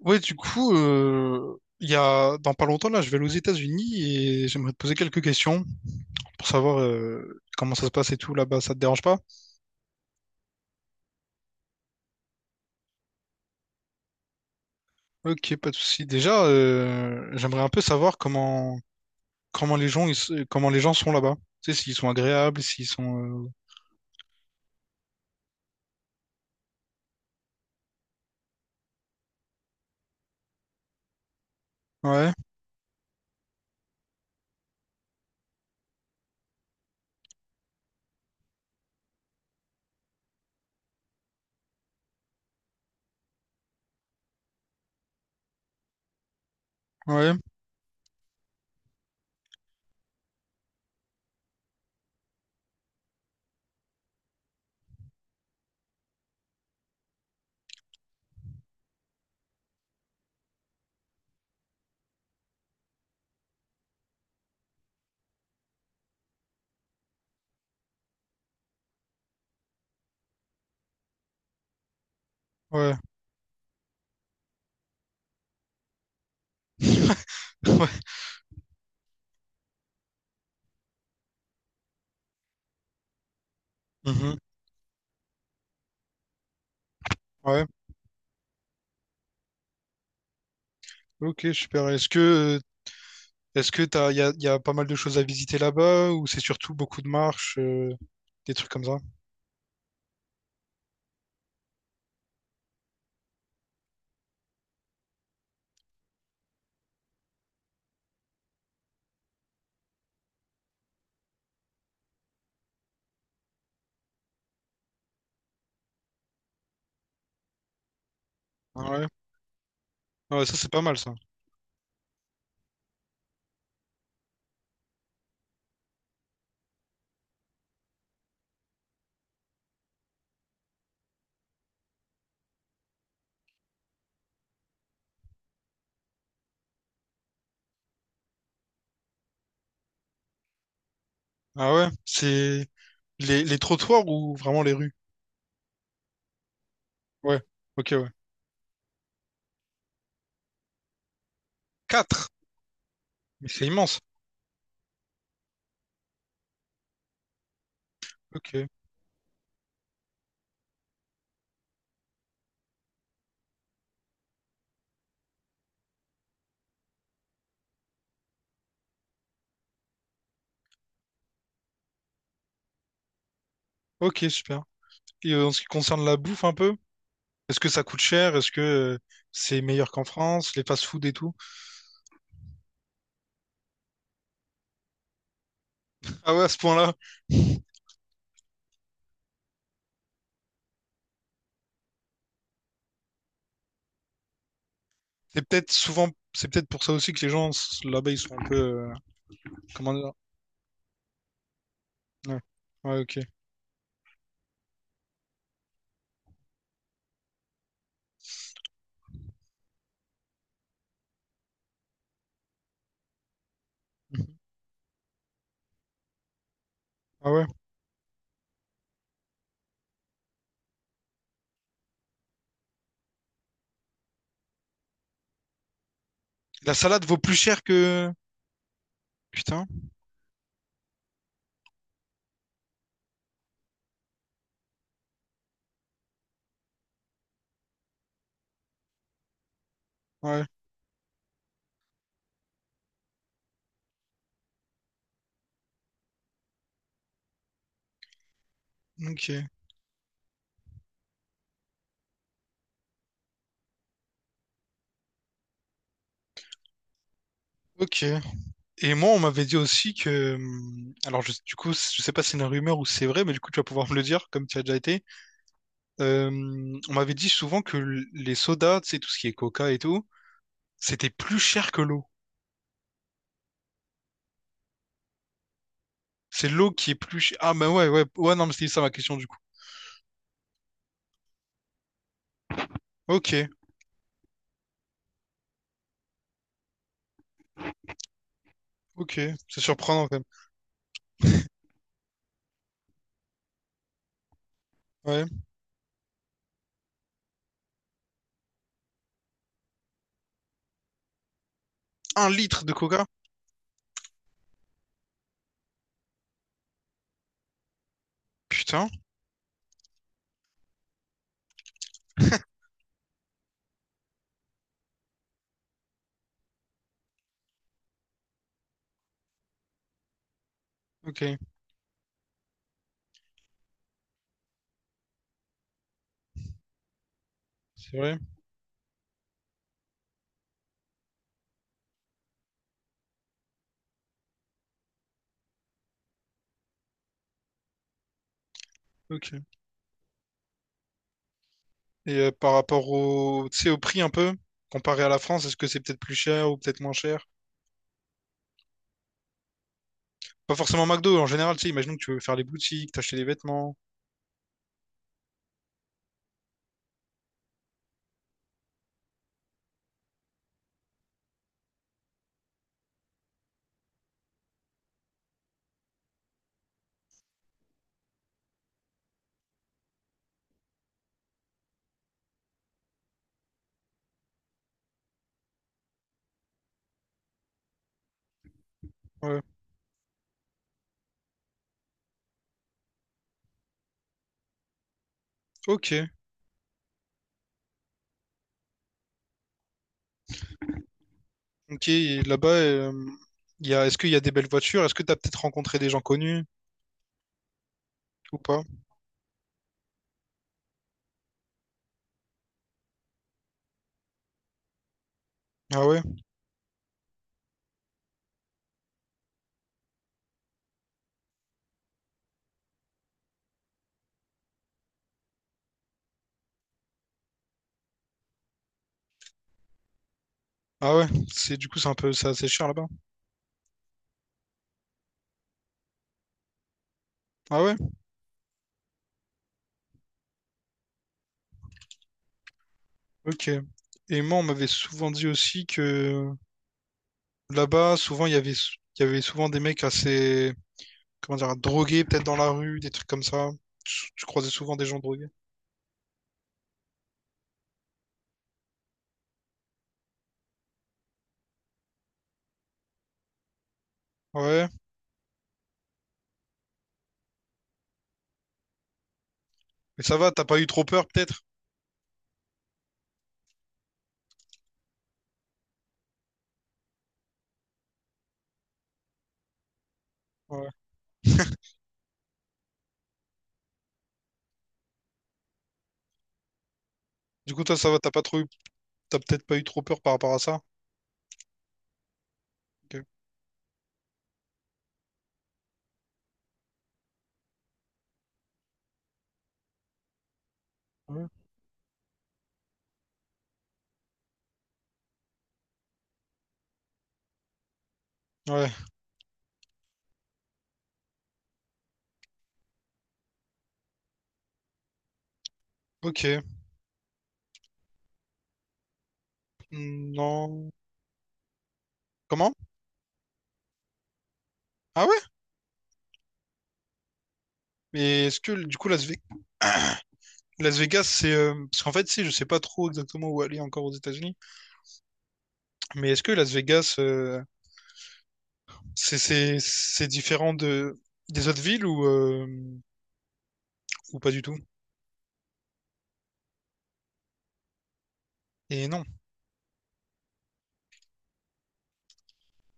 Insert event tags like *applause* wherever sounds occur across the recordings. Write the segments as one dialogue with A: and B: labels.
A: Ouais, du coup, il y a dans pas longtemps là, je vais aller aux États-Unis et j'aimerais te poser quelques questions pour savoir comment ça se passe et tout là-bas. Ça te dérange pas? Ok, pas de souci. Déjà, j'aimerais un peu savoir comment les gens ils se- comment les gens sont là-bas. Tu sais, s'ils sont agréables, s'ils sont ouais, ouais, ouais, *laughs* ouais, mhm, ouais. Ok, super. Est-ce que t'as il y a, y a pas mal de choses à visiter là-bas ou c'est surtout beaucoup de marches, des trucs comme ça? Ouais. Ouais, ça c'est pas mal ça. Ah ouais, c'est les trottoirs ou vraiment les rues? Ouais, ok, ouais. Quatre, mais c'est immense. Ok, ok, super. Et en ce qui concerne la bouffe un peu, est-ce que ça coûte cher? Est-ce que c'est meilleur qu'en France, les fast-food et tout? Ah ouais, à ce point-là, c'est peut-être souvent, c'est peut-être pour ça aussi que là-bas ils sont un peu, comment dire? Ouais, ouais, ok. Mhm. Ah ouais. La salade vaut plus cher que... Putain, ouais, ok, ok. Et moi, on m'avait dit aussi que, du coup, je sais pas si c'est une rumeur ou si c'est vrai, mais du coup, tu vas pouvoir me le dire, comme tu as déjà été. Euh, on m'avait dit souvent que les sodas, tu sais, tout ce qui est coca et tout, c'était plus cher que l'eau. C'est l'eau qui est plus chère. Ah, ben ouais, ouais, ouais, non, mais c'était ça ma question du coup. Ok, ok, c'est surprenant quand même. Ouais. Un litre de coca? Putain, *laughs* ok, c'est vrai, ok. Et par rapport au, tu sais, au prix un peu, comparé à la France, est-ce que c'est peut-être plus cher ou peut-être moins cher? Pas forcément McDo, en général, tu sais, imaginons que tu veux faire les boutiques, t'acheter des vêtements. Ouais. Ok, ok, et là-bas, est-ce qu'il y a des belles voitures? Est-ce que t'as peut-être rencontré des gens connus ou pas? Ah ouais, ah ouais, c'est du coup c'est un peu c'est assez cher là-bas. Ah ouais, ok. Et moi, on m'avait souvent dit aussi que là-bas, souvent il y avait souvent des mecs assez comment dire drogués peut-être dans la rue, des trucs comme ça. Tu croisais souvent des gens drogués. Ah ouais, mais ça va, t'as pas eu trop peur peut-être? Ouais. Du coup, toi, ça va, t'as peut-être pas eu trop peur par rapport à ça. Ok. Ouais. Ouais. Ok. Hmm, non. Comment? Ah ouais? Mais est-ce que du coup Las Ve- Las Vegas, c'est parce qu'en fait, si je sais pas trop exactement où aller encore aux États-Unis, mais est-ce que Las Vegas, c'est c'est différent de des autres villes ou pas du tout? Et non.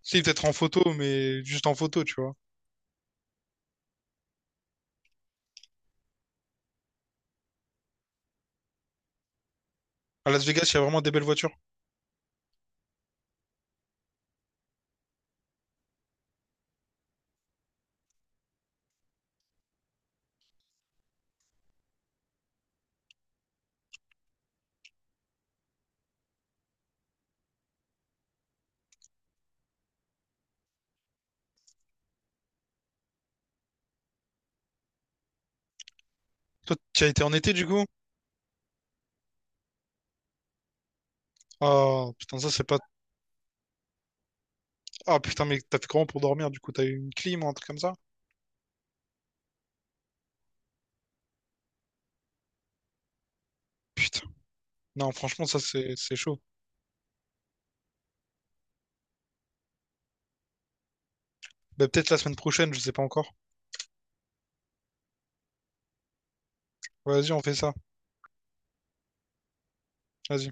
A: Si peut-être en photo, mais juste en photo, tu vois. À Las Vegas, il y a vraiment des belles voitures. Toi, tu as été en été du coup? Ah putain, ça c'est pas. Ah putain, mais t'as fait comment pour dormir? Du coup, t'as eu une clim ou un truc comme ça? Putain. Non, franchement, ça c'est chaud. Bah, peut-être la semaine prochaine, je sais pas encore. Vas-y, on fait ça. Vas-y.